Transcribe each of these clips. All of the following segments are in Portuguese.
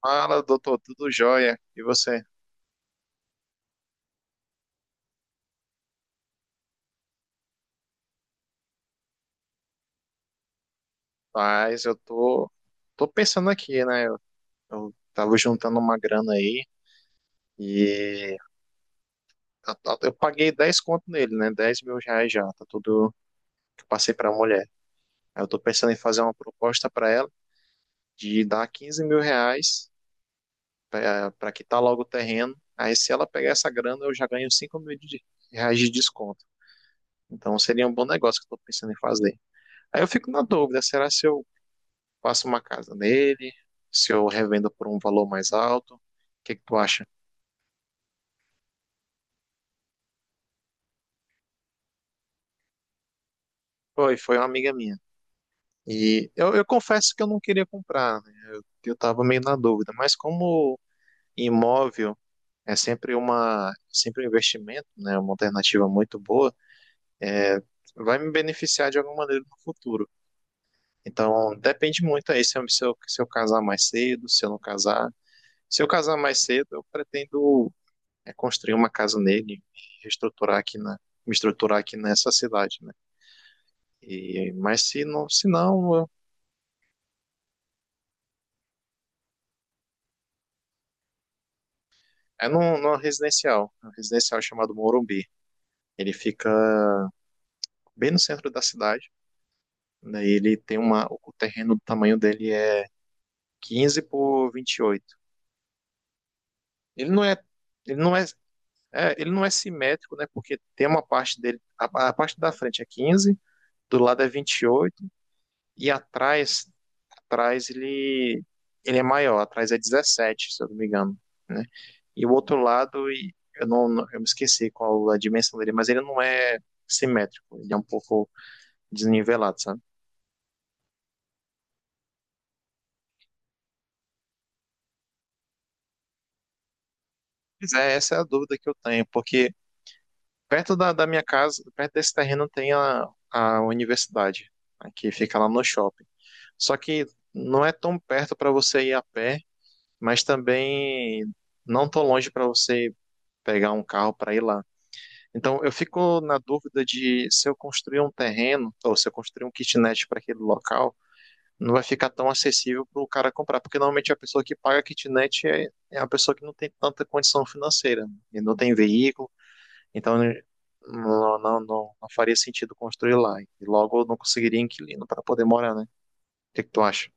Fala, doutor, tudo jóia? E você? Mas eu tô pensando aqui, né? Eu tava juntando uma grana aí e eu paguei 10 conto nele, né? R$ 10.000 já, tá tudo que eu passei pra mulher. Aí eu tô pensando em fazer uma proposta pra ela de dar R$ 15.000 pra quitar logo o terreno. Aí se ela pegar essa grana, eu já ganho 5 mil reais de desconto. Então seria um bom negócio que eu tô pensando em fazer. Aí eu fico na dúvida, será se eu faço uma casa nele, se eu revendo por um valor mais alto. O que que tu acha? Foi, foi uma amiga minha. E eu confesso que eu não queria comprar, né? Que eu tava meio na dúvida, mas como imóvel é sempre uma, sempre um investimento, né? Uma alternativa muito boa, é, vai me beneficiar de alguma maneira no futuro. Então, depende muito aí se eu casar mais cedo, se eu não casar. Se eu casar mais cedo, eu pretendo é construir uma casa nele e reestruturar me estruturar aqui nessa cidade, né? E, mas se não, se não, eu- é numa residencial, um residencial chamado Morumbi. Ele fica bem no centro da cidade, né? E ele tem uma, o terreno do tamanho dele é 15 por 28. Ele não é, ele não é, ele não é simétrico, né? Porque tem uma parte dele, a parte da frente é 15, do lado é 28 e atrás ele, ele é maior, atrás é 17 se eu não me engano, né? E o outro lado, e eu não, não- eu me esqueci qual a dimensão dele, mas ele não é simétrico, ele é um pouco desnivelado, sabe? Mas é, essa é a dúvida que eu tenho, porque perto da minha casa, perto desse terreno tem a universidade, né, que fica lá no shopping. Só que não é tão perto para você ir a pé, mas também não tão longe para você pegar um carro para ir lá. Então, eu fico na dúvida de se eu construir um terreno ou se eu construir um kitnet para aquele local, não vai ficar tão acessível para o cara comprar, porque normalmente a pessoa que paga kitnet é a pessoa que não tem tanta condição financeira, né? E não tem veículo, então não, não, não, não faria sentido construir lá. E logo eu não conseguiria inquilino para poder morar, né? O que que tu acha?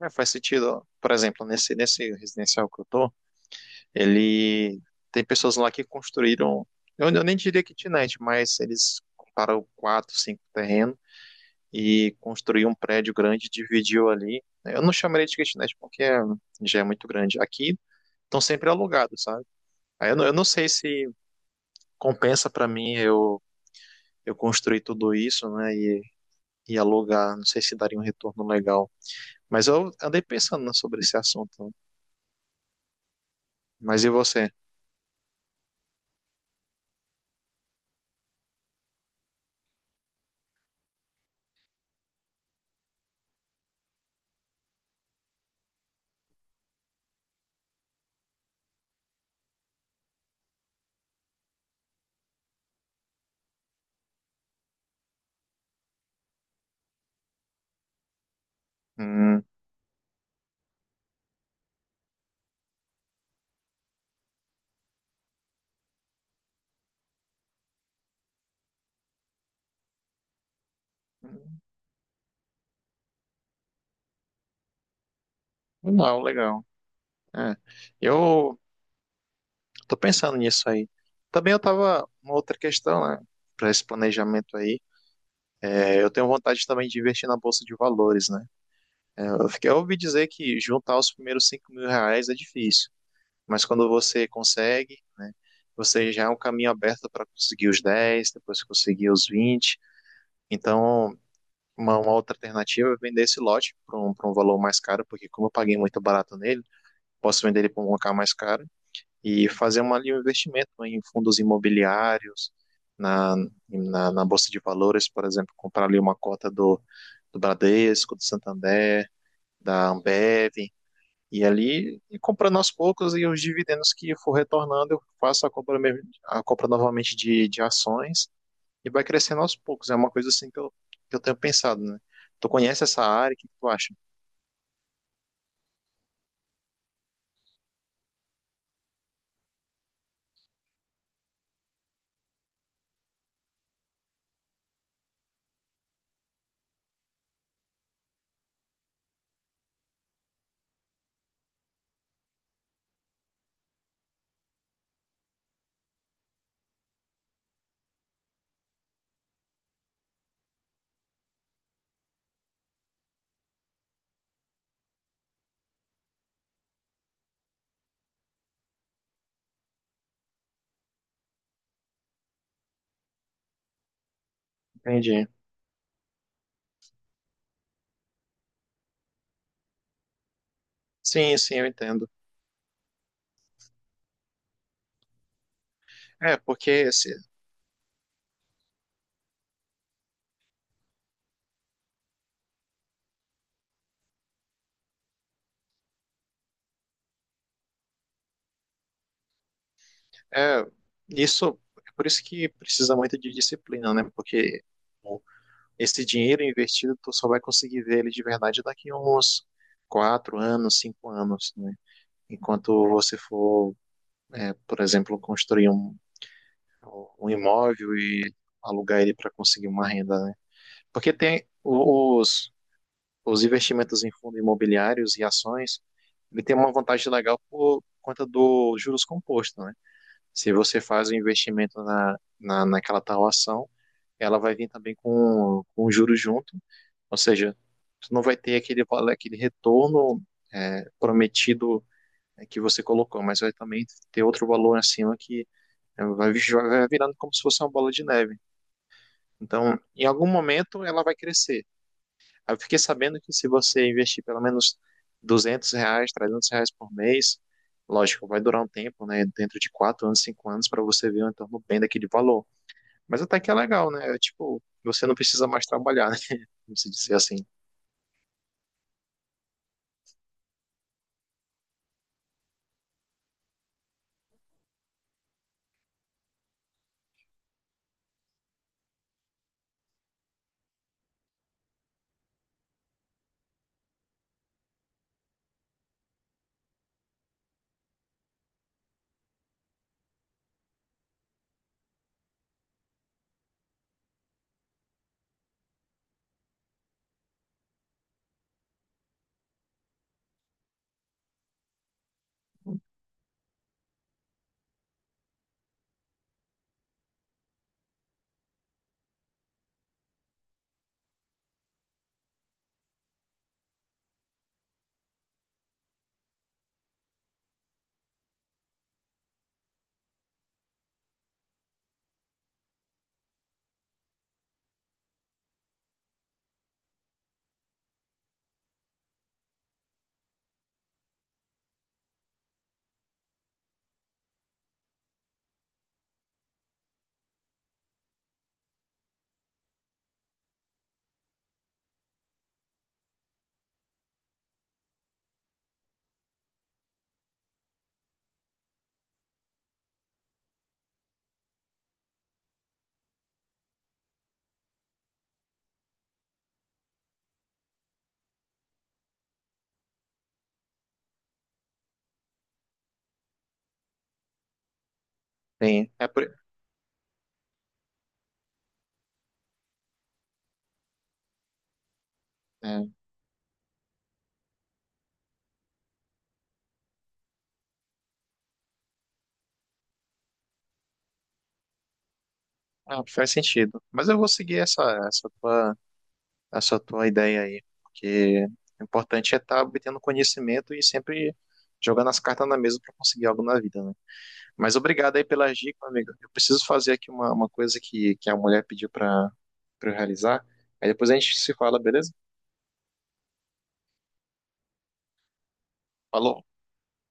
É, faz sentido, ó. Por exemplo, nesse residencial que eu tô, ele tem pessoas lá que construíram, eu nem diria kitnet, mas eles compraram quatro, cinco terrenos e construiu um prédio grande, dividiu ali. Eu não chamaria de kitnet já é muito grande. Aqui estão sempre alugados, sabe? Aí eu não sei se compensa para mim eu construir tudo isso, né, e alugar. Não sei se daria um retorno legal. Mas eu andei pensando, né, sobre esse assunto. Mas e você? Hum, não, legal. É. Eu tô pensando nisso aí. Também eu tava uma outra questão, né? Para esse planejamento aí, é, eu tenho vontade também de investir na bolsa de valores, né? É, eu ouvi dizer que juntar os primeiros R$ 5.000 é difícil, mas quando você consegue, né? Você já é um caminho aberto para conseguir os 10, depois conseguir os 20. Então, uma outra alternativa é vender esse lote para pra um valor mais caro, porque como eu paguei muito barato nele, posso vender ele para um lugar mais caro e fazer ali um investimento, né, em fundos imobiliários, na, na Bolsa de Valores, por exemplo, comprar ali uma cota do Bradesco, do Santander, da Ambev, e ali e comprando aos poucos e os dividendos que for retornando, eu faço a compra, a compra novamente de ações e vai crescendo aos poucos. É uma coisa assim que eu tenho pensado, né? Tu conhece essa área, o que tu acha? Entendi. Sim, sim, eu entendo. É, porque se, É, isso é por isso que precisa muito de disciplina, né? Porque bom, esse dinheiro investido tu só vai conseguir ver ele de verdade daqui a uns 4 anos, 5 anos, né? Enquanto você for, é, por exemplo, construir um imóvel e alugar ele para conseguir uma renda, né? Porque tem os investimentos em fundos imobiliários e ações, ele tem uma vantagem legal por conta dos juros compostos, né? Se você faz o investimento naquela tal ação, ela vai vir também com o juro junto, ou seja, tu não vai ter aquele retorno, é, prometido, é, que você colocou, mas vai também ter outro valor acima que é, vai virando como se fosse uma bola de neve. Então, em algum momento ela vai crescer. Aí eu fiquei sabendo que se você investir pelo menos R$ 200, R$ 300 por mês, lógico, vai durar um tempo, né? Dentro de 4 anos, 5 anos, para você ver um retorno bem daquele valor. Mas até que é legal, né? É tipo, você não precisa mais trabalhar, né? Como se dizer assim. Tem, é, por- é, ah, faz sentido. Mas eu vou seguir essa, essa tua, essa tua ideia aí, porque o importante é estar obtendo conhecimento e sempre jogando as cartas na mesa para conseguir algo na vida, né? Mas obrigado aí pela dica, meu amigo. Eu preciso fazer aqui uma coisa que a mulher pediu para eu realizar. Aí depois a gente se fala, beleza? Falou.